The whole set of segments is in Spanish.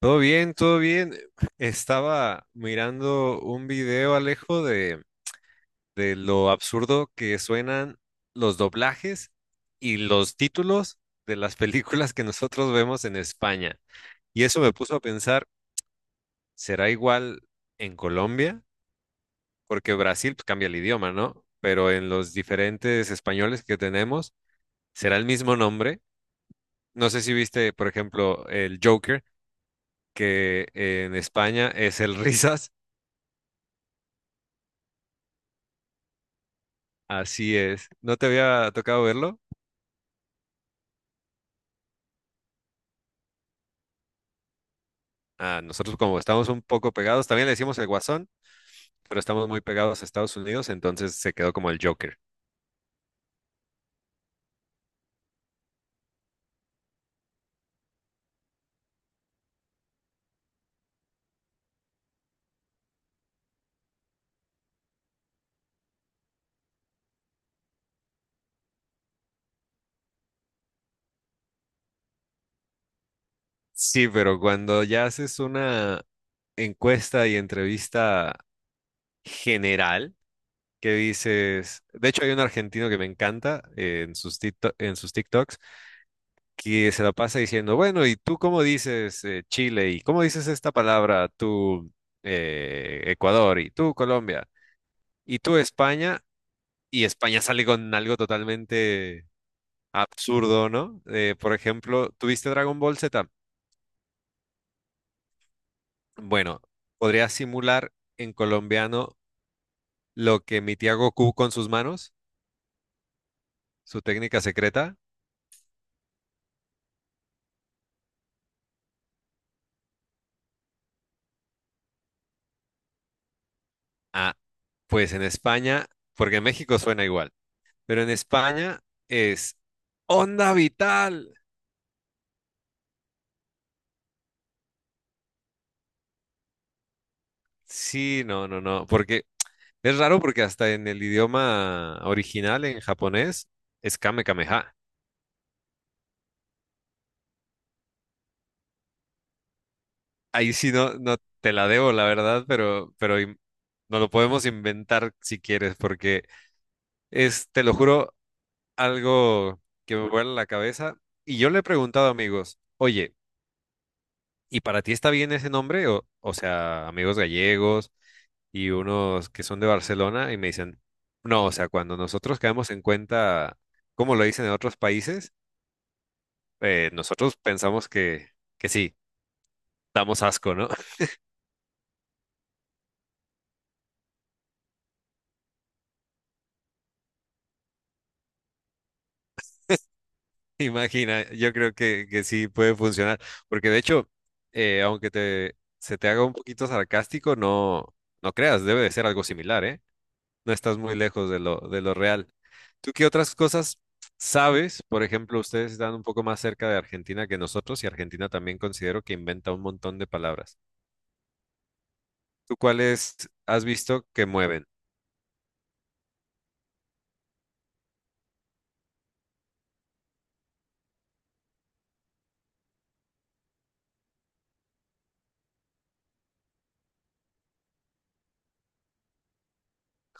Todo bien, todo bien. Estaba mirando un video, Alejo, de lo absurdo que suenan los doblajes y los títulos de las películas que nosotros vemos en España. Y eso me puso a pensar, ¿será igual en Colombia? Porque Brasil pues, cambia el idioma, ¿no? Pero en los diferentes españoles que tenemos, ¿será el mismo nombre? No sé si viste, por ejemplo, el Joker, que en España es el Risas. Así es. ¿No te había tocado verlo? Ah, nosotros como estamos un poco pegados, también le decimos el Guasón, pero estamos muy pegados a Estados Unidos, entonces se quedó como el Joker. Sí, pero cuando ya haces una encuesta y entrevista general, que dices, de hecho hay un argentino que me encanta en en sus TikToks, que se la pasa diciendo, bueno, ¿y tú cómo dices Chile? ¿Y cómo dices esta palabra tú Ecuador? ¿Y tú Colombia? ¿Y tú España? Y España sale con algo totalmente absurdo, ¿no? Por ejemplo, ¿tuviste Dragon Ball Z? Bueno, podría simular en colombiano lo que emitía Goku con sus manos, su técnica secreta. Ah, pues en España, porque en México suena igual, pero en España es onda vital. Sí, no, no, no, porque es raro porque hasta en el idioma original, en japonés, es Kame Kameha. Ahí sí no, no te la debo, la verdad, pero, pero nos lo podemos inventar si quieres, porque es, te lo juro, algo que me vuela la cabeza. Y yo le he preguntado a amigos, oye, ¿y para ti está bien ese nombre? O sea, amigos gallegos y unos que son de Barcelona, y me dicen, no, o sea, cuando nosotros caemos en cuenta, como lo dicen en otros países, nosotros pensamos que sí, damos asco, ¿no? Imagina, yo creo que sí puede funcionar, porque de hecho, aunque se te haga un poquito sarcástico, no, no creas, debe de ser algo similar, ¿eh? No estás muy lejos de lo real. ¿Tú qué otras cosas sabes? Por ejemplo, ustedes están un poco más cerca de Argentina que nosotros y Argentina también considero que inventa un montón de palabras. ¿Tú cuáles has visto que mueven?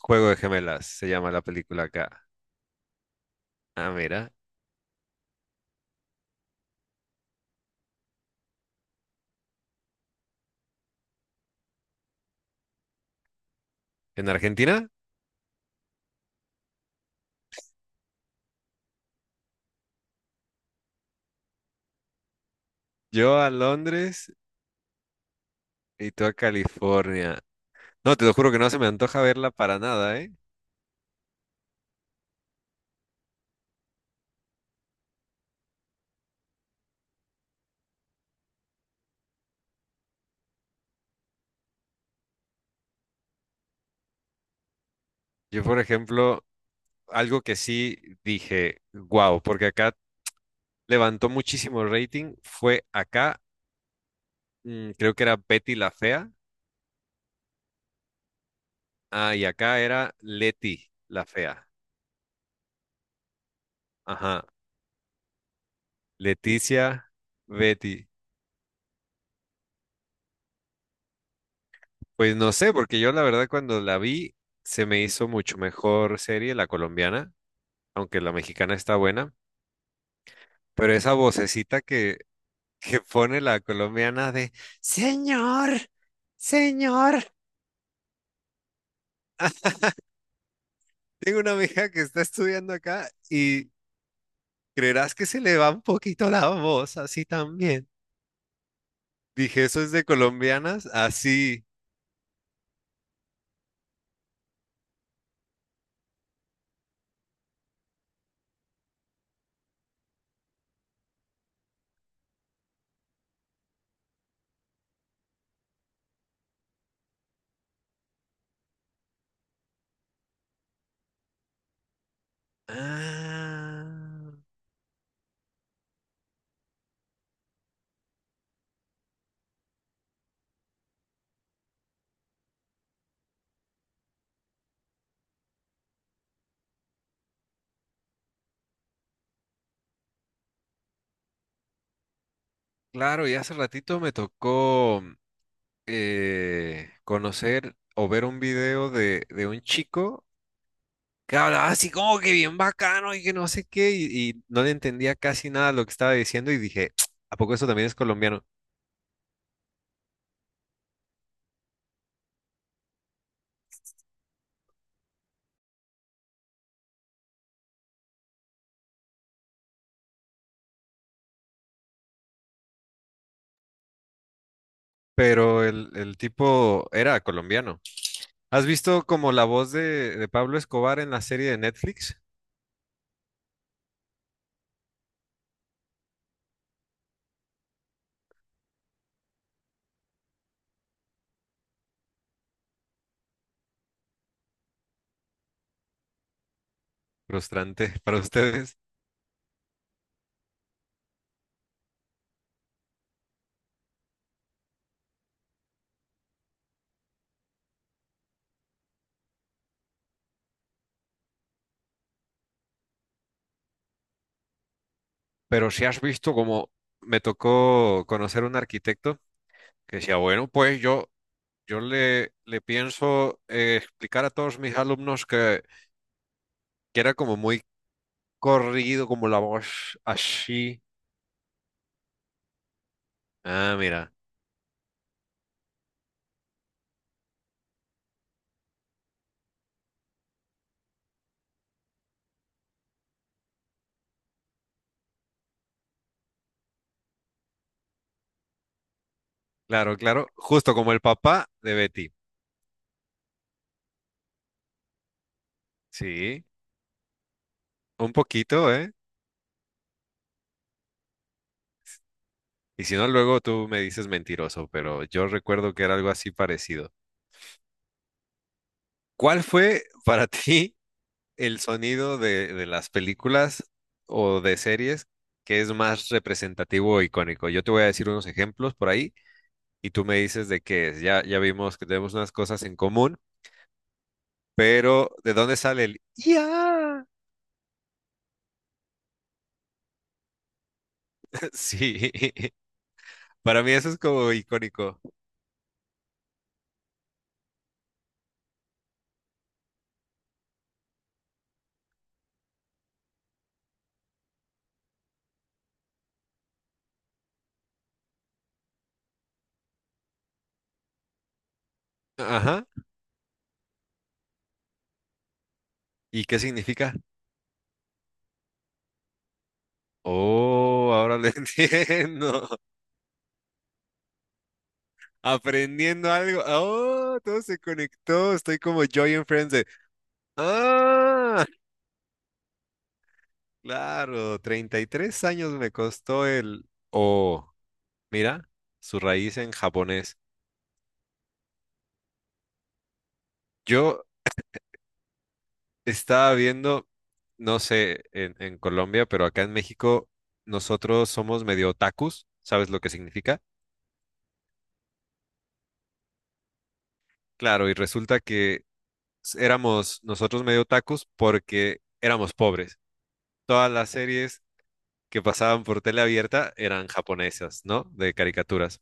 Juego de gemelas, se llama la película acá. Ah, mira, en Argentina, yo a Londres y tú a California. No, te lo juro que no se me antoja verla para nada, ¿eh? Yo, por ejemplo, algo que sí dije, wow, porque acá levantó muchísimo rating, fue acá, creo que era Betty la Fea, ah, y acá era Leti la Fea, ajá, Leticia, Betty. Pues no sé, porque yo la verdad cuando la vi se me hizo mucho mejor serie la colombiana, aunque la mexicana está buena, pero esa vocecita que pone la colombiana de señor, señor. Tengo una amiga que está estudiando acá y creerás que se le va un poquito la voz así también. Dije, eso es de colombianas, así. Ah, claro, y hace ratito me tocó conocer o ver un video de un chico que hablaba así como que bien bacano y que no sé qué, y no le entendía casi nada lo que estaba diciendo y dije, ¿a poco eso también es colombiano? Pero el tipo era colombiano. ¿Has visto como la voz de Pablo Escobar en la serie de Netflix? Frustrante para ustedes. Pero si has visto como me tocó conocer un arquitecto que decía, bueno, pues yo le pienso explicar a todos mis alumnos que era como muy corrido, como la voz así. Ah, mira, claro, claro, justo como el papá de Betty. Sí, un poquito, ¿eh? Y si no, luego tú me dices mentiroso, pero yo recuerdo que era algo así parecido. ¿Cuál fue para ti el sonido de las películas o de series que es más representativo o icónico? Yo te voy a decir unos ejemplos por ahí y tú me dices de qué es. Ya, ya vimos que tenemos unas cosas en común, pero ¿de dónde sale el ya? Sí, para mí eso es como icónico. Ajá. ¿Y qué significa? Oh, ahora lo entiendo. Aprendiendo algo. Oh, todo se conectó. Estoy como Joy and Friends de, ah, claro, 33 años me costó el, oh, mira, su raíz en japonés. Yo estaba viendo, no sé, en Colombia, pero acá en México nosotros somos medio otakus, ¿sabes lo que significa? Claro, y resulta que éramos nosotros medio otakus porque éramos pobres. Todas las series que pasaban por tele abierta eran japonesas, ¿no? De caricaturas.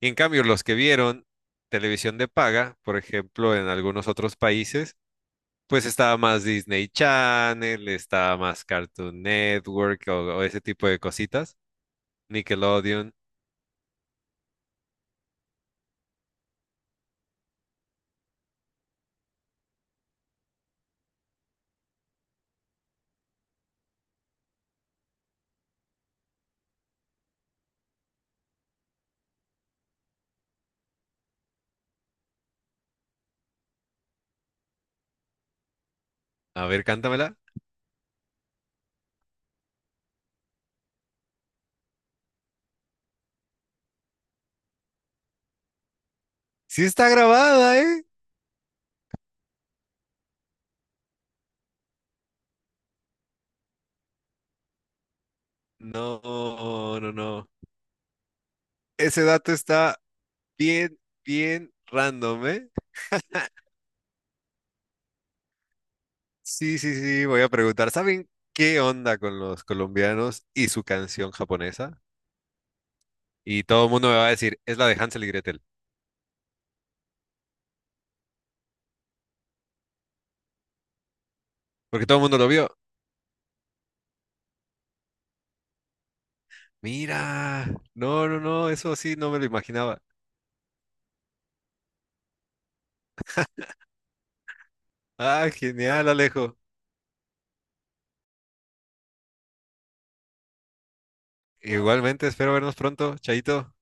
Y en cambio, los que vieron televisión de paga, por ejemplo, en algunos otros países, pues estaba más Disney Channel, estaba más Cartoon Network o ese tipo de cositas. Nickelodeon. A ver, cántamela. Sí está grabada, ¿eh? No, no, no. Ese dato está bien, bien random, ¿eh? Sí, sí, sí, voy a preguntar, ¿saben qué onda con los colombianos y su canción japonesa? Y todo el mundo me va a decir, es la de Hansel y Gretel, porque todo el mundo lo vio. Mira, no, no, no, eso sí, no me lo imaginaba. Ah, genial, Alejo. Igualmente, espero vernos pronto, Chaito.